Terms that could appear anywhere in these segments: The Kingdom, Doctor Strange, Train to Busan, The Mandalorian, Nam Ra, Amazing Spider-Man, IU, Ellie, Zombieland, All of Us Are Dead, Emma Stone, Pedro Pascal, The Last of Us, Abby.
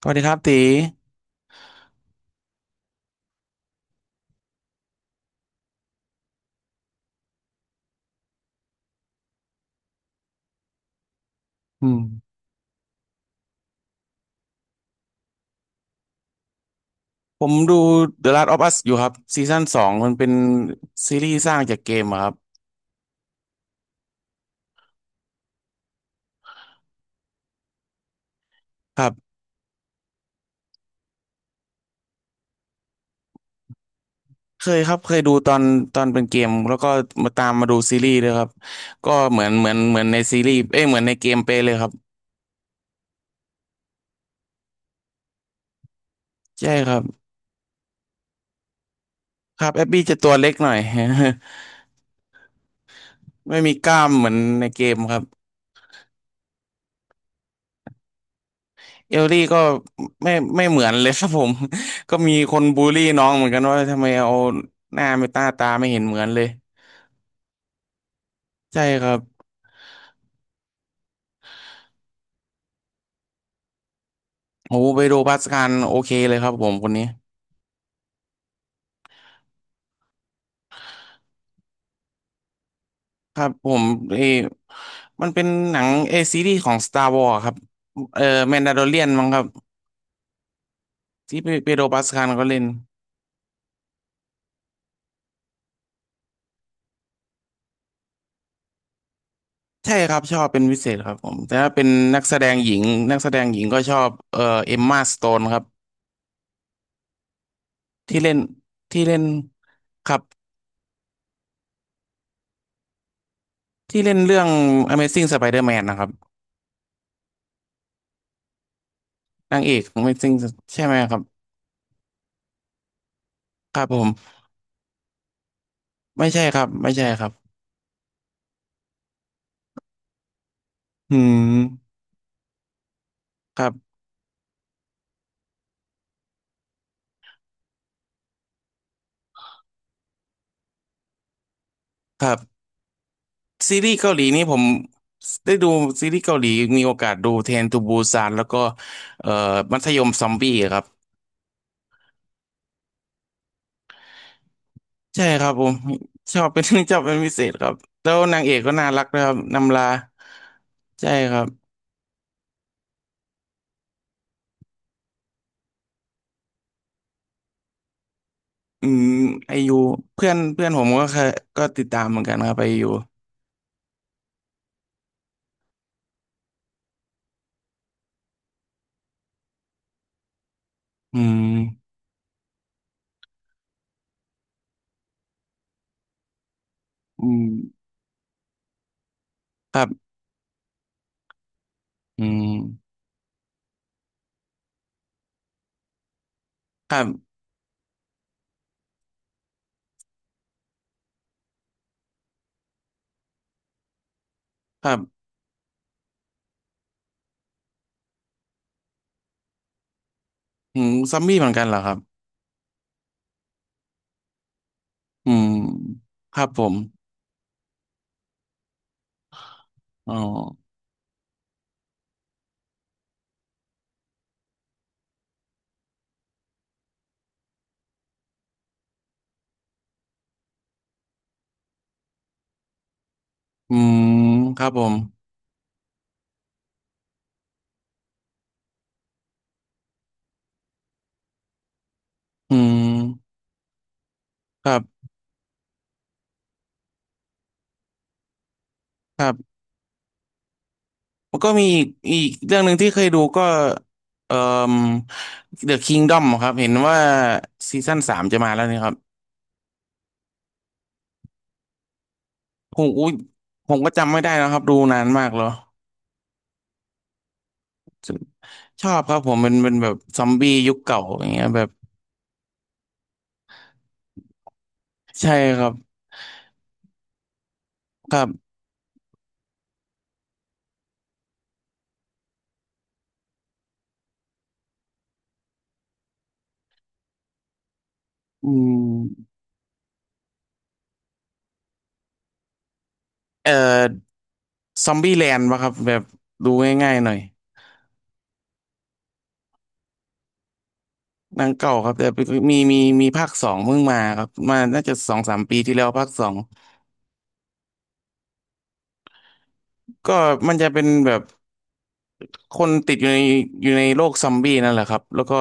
สวัสดีครับตีอืมผมดู The Last of Us อยู่ครับซีซั่นสองมันเป็นซีรีส์สร้างจากเกมอะครับครับเคยครับเคยดูตอนเป็นเกมแล้วก็มาตามมาดูซีรีส์ด้วยครับก็เหมือนในซีรีส์เอ้ยเหมือนในเกมเป๊ะเลยครับใช่ครับครับแอบบี้จะตัวเล็กหน่อย ไม่มีกล้ามเหมือนในเกมครับเอลลี่ก็ไม่ไม่เหมือนเลยครับผม ก็มีคนบูลลี่น้องเหมือนกันว่าทำไมเอาหน้าไม่ตาไม่เห็นเหมือนเลยใช่ครับ โอ้เปโดรปาสกาลโอเคเลยครับผมคนนี้ครับผมเออมันเป็นหนังซีรีส์ของ Star Wars ครับเออแมนดาโลเรียนมั้งครับที่เปโดรปาสกาลก็เล่นใช่ครับชอบเป็นพิเศษครับผมแต่ถ้าเป็นนักแสดงหญิงนักแสดงหญิงก็ชอบเอมมาสโตนครับที่เล่นที่เล่นครับที่เล่นเรื่อง Amazing Spider-Man นะครับนางเอก Amazing ใช่ไหมครับครับผมไม่ใช่ครับไม่ใช่ครับอืมครับครับ ซีรีส์เกาหลีนี่ผมได้ดูซีรีส์เกาหลีมีโอกาสดูเทรนทูบูซานแล้วก็เอ่อมัธยมซอมบี้ครับใช่ครับผมชอบเป็น ชอบเป็นพิเศษครับแล้วนางเอกก็น่ารักด้วยครับนำลาใช่ครับอืมไอยูเพื่อนเพื่อนผมก็เคยก็ติดตามเหมือนกันครับไอยูอืมอืมครับอืมครับครับอืมซอมบี้เหมือนกันเหรอครับอืมครับผมอ๋ออืมครับผมอืมครับ มันก็มีอีกเรื่องหนึ่งที่เคยดูก็เอ่อ The Kingdom ครับเห็นว่าซีซั่นสามจะมาแล้วนี่ครับผมอุ้ยผมก็จำไม่ได้นะครับดูนานมากแล้วชอบครับผมเป็นแบบซอมบี้ยุคเก่าอย่างเงี้ยแบบใช่ครับครับอืมเอ่อซอมบี้แลนด์ป่ะครับแบบดูง่ายๆหน่อยหนังเก่าครับแต่มีมีมีภาคสองเพิ่งมาครับมาน่าจะสองสามปีที่แล้วภาคสองก็มันจะเป็นแบบ คนติดอยู่ในโลกซอมบี้นั่นแหละครับแล้วก็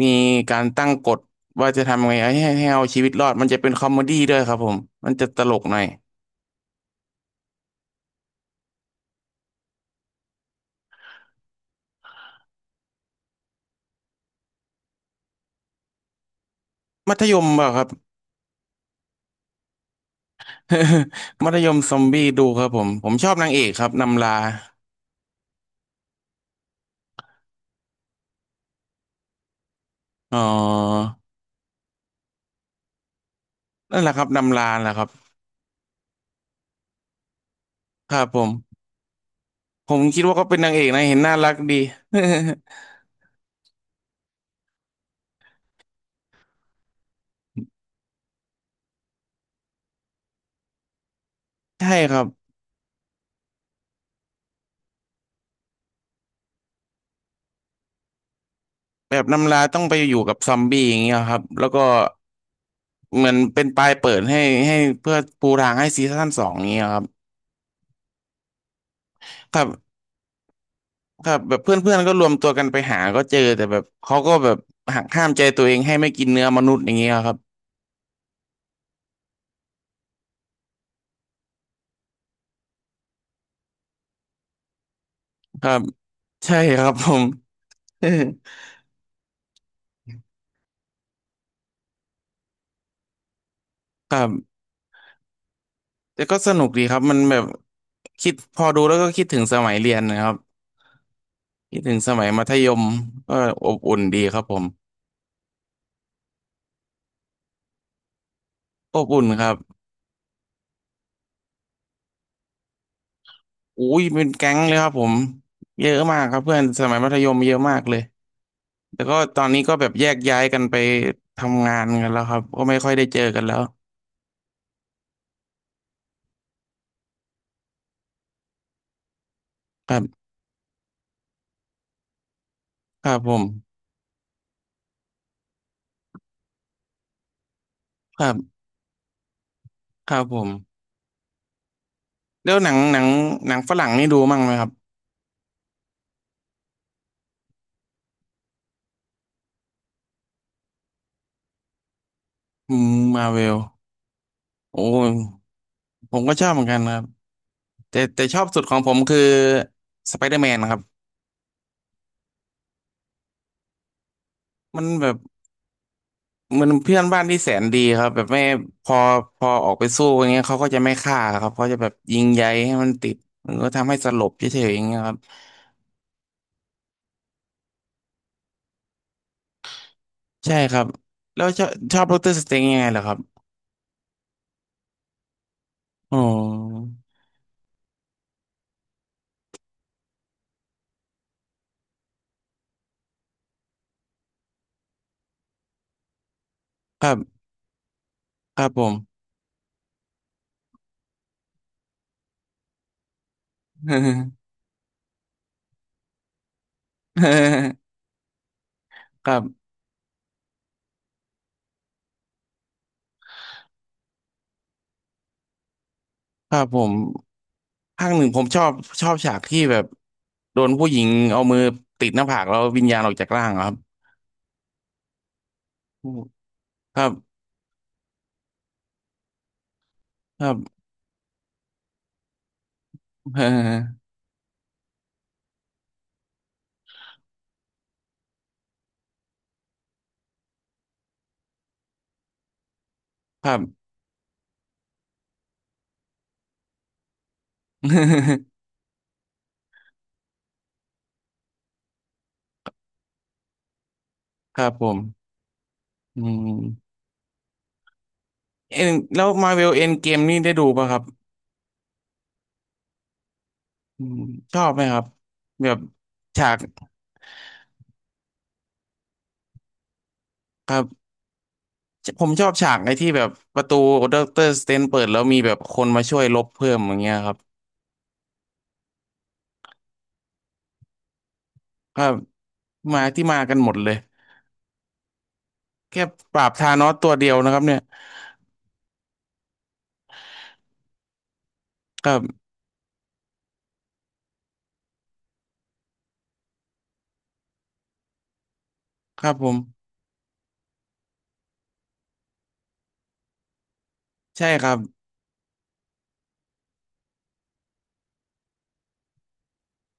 มีการตั้งกฎว่าจะทำไงให้เอาชีวิตรอดมันจะเป็นคอมเมดี้ด้วยครับผมมันจะตลกหน่อยมัธยมเปล่าครับ มัธยมซอมบี้ดูครับผมชอบนางเอกครับนำลาอ๋อนั่นแหละครับนำลาแหละครับครับผมผมคิดว่าก็เป็นนางเอกนะเห็นน่ารักดี ใช่ครับแบบนำลาต้องไปอยู่กับซอมบี้อย่างเงี้ยครับแล้วก็ เหมือนเป็นปลายเปิดให้เพื่อปูทางให้ซีซั่นสองนี้ครับถ้าถ้าแบบเพื่อนๆก็รวมตัวกันไปหาก็เจอแต่แบบเขาก็แบบหักห้ามใจตัวเองให้ไม่กินเนื้อมนุษย์อย่างเงี้ยครับครับใช่ครับผม ครับแต่ก็สนุกดีครับมันแบบคิดพอดูแล้วก็คิดถึงสมัยเรียนนะครับคิดถึงสมัยมัธยมก็อบอุ่นดีครับผมอบอุ่นครับอุ้ยเป็นแก๊งเลยครับผมเยอะมากครับเพื่อนสมัยมัธยมเยอะมากเลย แต่ก็ตอนนี้ก็แบบแยกย้ายกันไปทำงานกันแล้วครับก็ไม่ค่อยได้เจอกันแล้วครับครับผมครับครับผมแล้วหนังฝรั่งนี่ดูมั่งไหมครับอืมมาเวลโอ้ยผมก็ชอบเหมือนกันครับแต่แต่ชอบสุดของผมคือสไปเดอร์แมนครับมันแบบเหมันเพื่อนบ้านที่แสนดีครับแบบไม่พอพอออกไปสู้อย่างเงี้ยเขาก็จะไม่ฆ่าครับเขาจะแบบยิงใยให้มันติดมันก็ทำให้สลบเฉยๆอย่างเงี้ยครับใช่ครับแล้วชอบดอกเตอรสเตงยังไงเหรอครับ อ๋อครับครับผม ครับครับผมภาคหนึ่งผมชอบฉากที่แบบ โดนผู้หญิงเอามือติดหน้าผากแล้ววิญญาณออกจากร่างอะครับครับครับ ครับ ครับผมอืมเอ็นแล้วมาเวลเอ็นเกมนี่ได้ดูป่ะครับอืมชอบไหมครับ แบบฉากครับ ผมชอบฉากในที่แบบประตูด็อกเตอร์สเตนเปิดแล้วมีแบบคนมาช่วยลบเพิ่มอย่างเงี้ยครับ ครับมาที่มากันหมดเลยแค่ปราบธานอสตัวเดียวนะครับเนี่ยครับครับผมใช่ครับ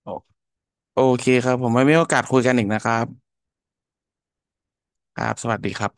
โอโอเคครับผมไว้มีโอกาสคุยกันอีกนะครับครับสวัสดีครับ